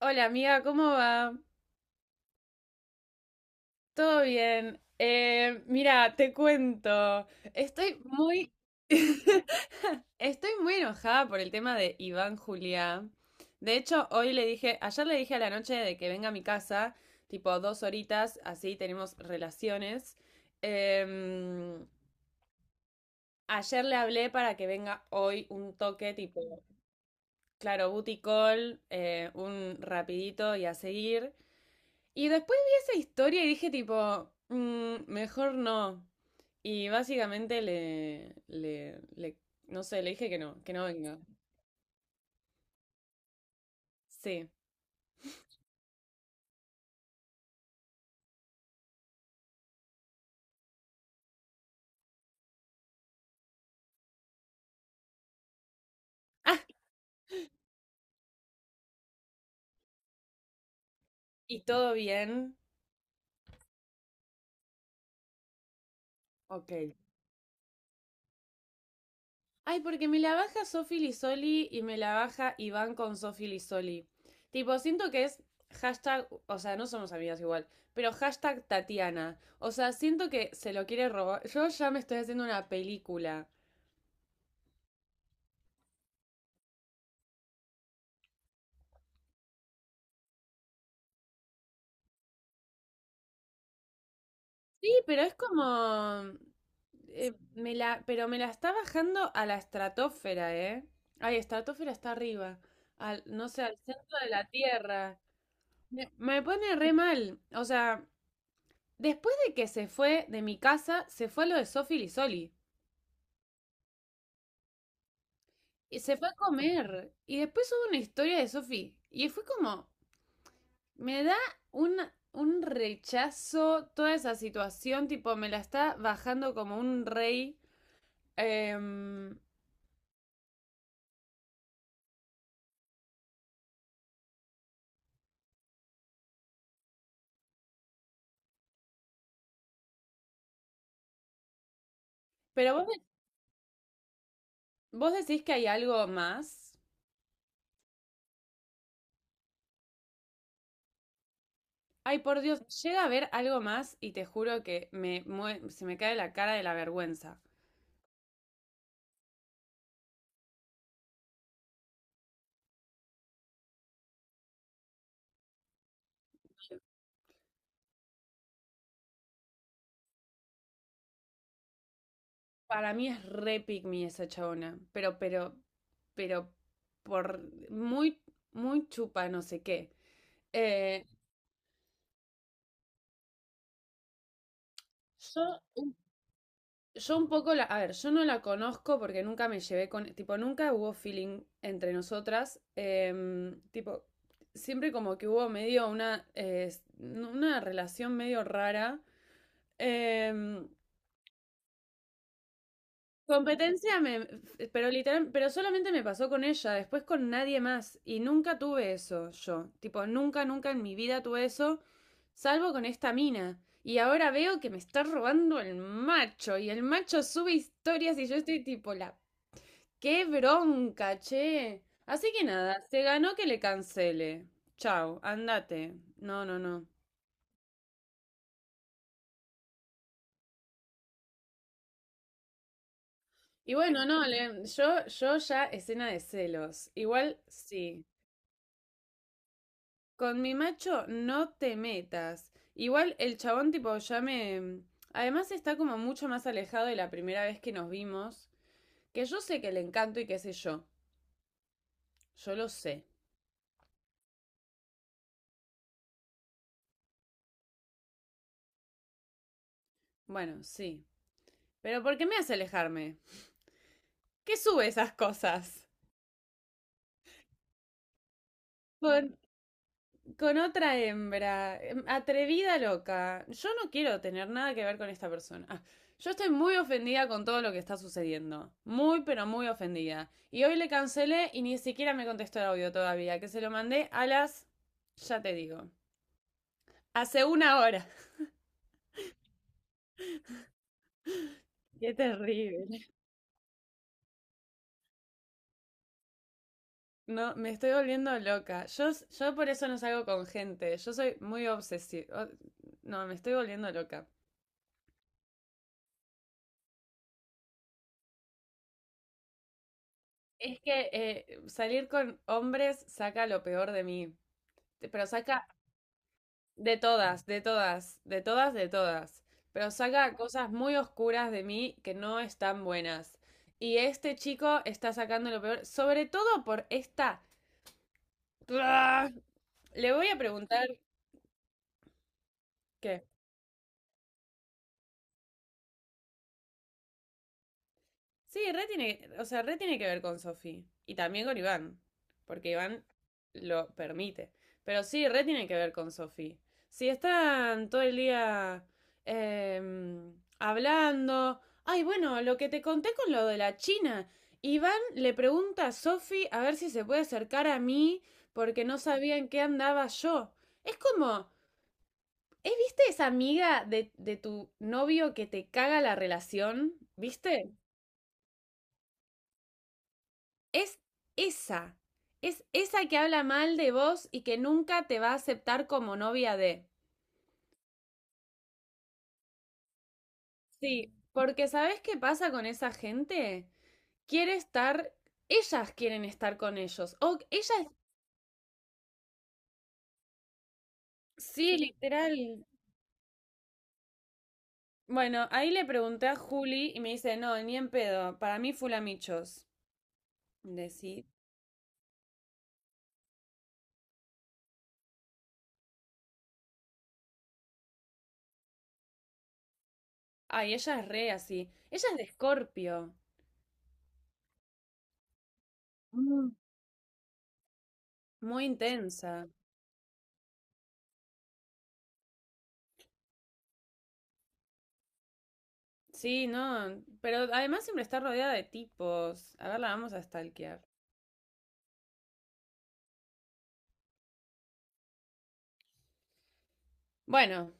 Hola amiga, ¿cómo va? ¿Todo bien? Mira, te cuento. Estoy muy... Estoy muy enojada por el tema de Iván Juliá. De hecho, ayer le dije a la noche de que venga a mi casa, tipo dos horitas, así tenemos relaciones. Em, ayer le hablé para que venga hoy un toque tipo, claro, booty call, un rapidito y a seguir. Y después vi esa historia y dije tipo, "Mm, mejor no". Y básicamente no sé, le dije que no venga. Sí. Ah, y todo bien. Ok. Ay, porque me la baja Sofi Lisoli y me la baja Iván con Sofi Lisoli. Tipo, siento que es hashtag, o sea, no somos amigas igual, pero hashtag Tatiana. O sea, siento que se lo quiere robar. Yo ya me estoy haciendo una película. Sí, pero es como... pero me la está bajando a la estratosfera, ¿eh? Ay, estratosfera está arriba. Al, no sé, al centro de la Tierra. Me pone re mal. O sea, después de que se fue de mi casa, se fue a lo de Sofi Lisoli. Y se fue a comer. Y después hubo una historia de Sofi. Y fue como... Me da un, un rechazo toda esa situación. Tipo, me la está bajando como un rey. Em, pero vos ¿Vos decís que hay algo más? Ay, por Dios, llega a haber algo más y te juro que se me cae la cara de la vergüenza. Para mí es re pick me esa chabona, pero, por muy, muy chupa, no sé qué. Eh, yo, yo a ver, yo no la conozco porque nunca me llevé con, tipo, nunca hubo feeling entre nosotras, tipo, siempre como que hubo medio una, una relación medio rara. Em, competencia, pero literal, pero solamente me pasó con ella, después con nadie más. Y nunca tuve eso yo. Tipo, nunca, nunca en mi vida tuve eso, salvo con esta mina. Y ahora veo que me está robando el macho. Y el macho sube historias y yo estoy tipo. ¡Qué bronca, che! Así que nada, se ganó que le cancele. Chau, andate. No, no, no. Y bueno, no, yo ya escena de celos. Igual sí. Con mi macho no te metas. Igual el chabón tipo. Además está como mucho más alejado de la primera vez que nos vimos, que yo sé que le encanto y qué sé yo. Yo lo sé. Bueno, sí. Pero ¿por qué me hace alejarme? ¿Qué sube esas cosas? Por Con otra hembra, atrevida loca. Yo no quiero tener nada que ver con esta persona. Ah, yo estoy muy ofendida con todo lo que está sucediendo. Muy, pero muy ofendida. Y hoy le cancelé y ni siquiera me contestó el audio todavía, que se lo mandé a las... ya te digo. Hace una hora. Qué terrible. No, me estoy volviendo loca. Yo por eso no salgo con gente. Yo soy muy obsesiva. No, me estoy volviendo loca. Es que salir con hombres saca lo peor de mí. Pero saca de todas, de todas, de todas, de todas. Pero saca cosas muy oscuras de mí que no están buenas. Y este chico está sacando lo peor, sobre todo por esta... ¡Bua! Le voy a preguntar qué. Sí, re tiene, o sea, re tiene que ver con Sofi y también con Iván, porque Iván lo permite. Pero sí, re tiene que ver con Sofi. Si están todo el día hablando, ay, bueno, lo que te conté con lo de la China, Iván le pregunta a Sofi a ver si se puede acercar a mí porque no sabía en qué andaba yo. Es como, viste esa amiga de, tu novio que te caga la relación? ¿Viste? Es esa. Es esa que habla mal de vos y que nunca te va a aceptar como novia de. Sí, porque ¿sabés qué pasa con esa gente? Quiere estar, ellas quieren estar con ellos. O ellas, sí, literal. Bueno, ahí le pregunté a Juli y me dice, no, ni en pedo, para mí fulamichos. Decí, ay, ella es re así. Ella es de Escorpio. Mm. Muy intensa. Sí, no, pero además siempre está rodeada de tipos. A ver, la vamos a stalkear. Bueno,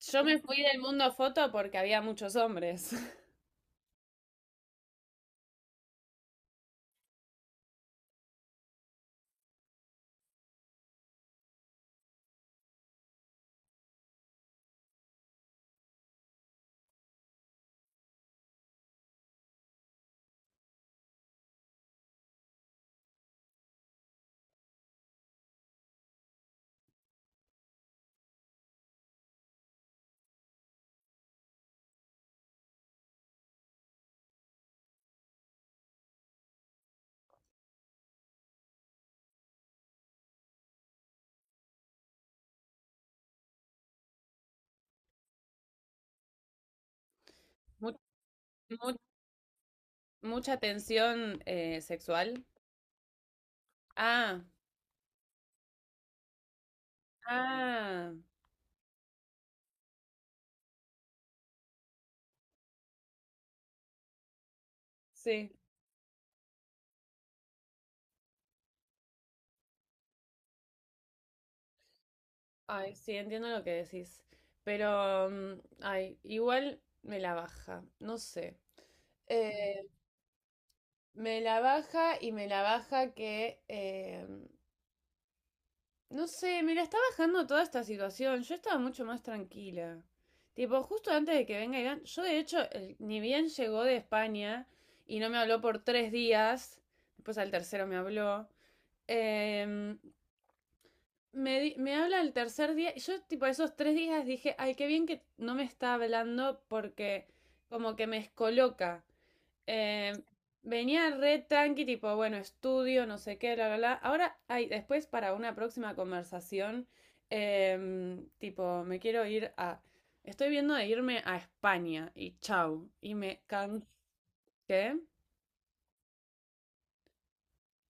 yo me fui del mundo foto porque había muchos hombres. Mu- mu- mucha tensión sexual. Ah, ah, sí. Ay, sí, entiendo lo que decís. Pero, ay, igual me la baja, no sé. Eh, me la baja y me la baja que no sé, me la está bajando toda esta situación. Yo estaba mucho más tranquila. Tipo, justo antes de que venga Iván, yo de hecho, ni bien llegó de España y no me habló por 3 días, después al tercero me habló, em, me habla el tercer día y yo tipo esos 3 días dije, ay, qué bien que no me está hablando porque como que me descoloca eh, venía re tranqui, tipo, bueno, estudio, no sé qué, bla, bla, bla. Ahora, ay, después para una próxima conversación, tipo, me quiero ir a... Estoy viendo de irme a España y chau. Y me canqué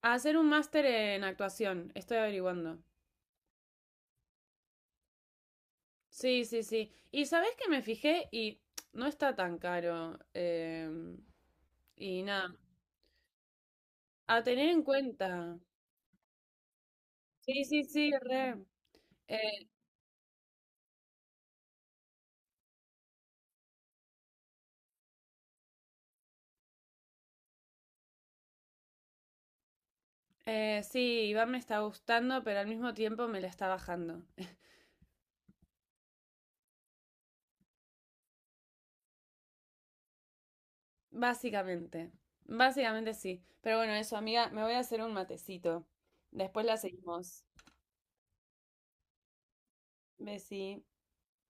a hacer un máster en actuación. Estoy averiguando. Sí, sí, sí. Y sabes que me fijé y no está tan caro. Y nada, a tener en cuenta. Sí, sí, sí, re. Eh, sí, Iván me está gustando, pero al mismo tiempo me la está bajando. Básicamente. Básicamente sí. Pero bueno, eso, amiga, me voy a hacer un matecito. Después la seguimos. Besí.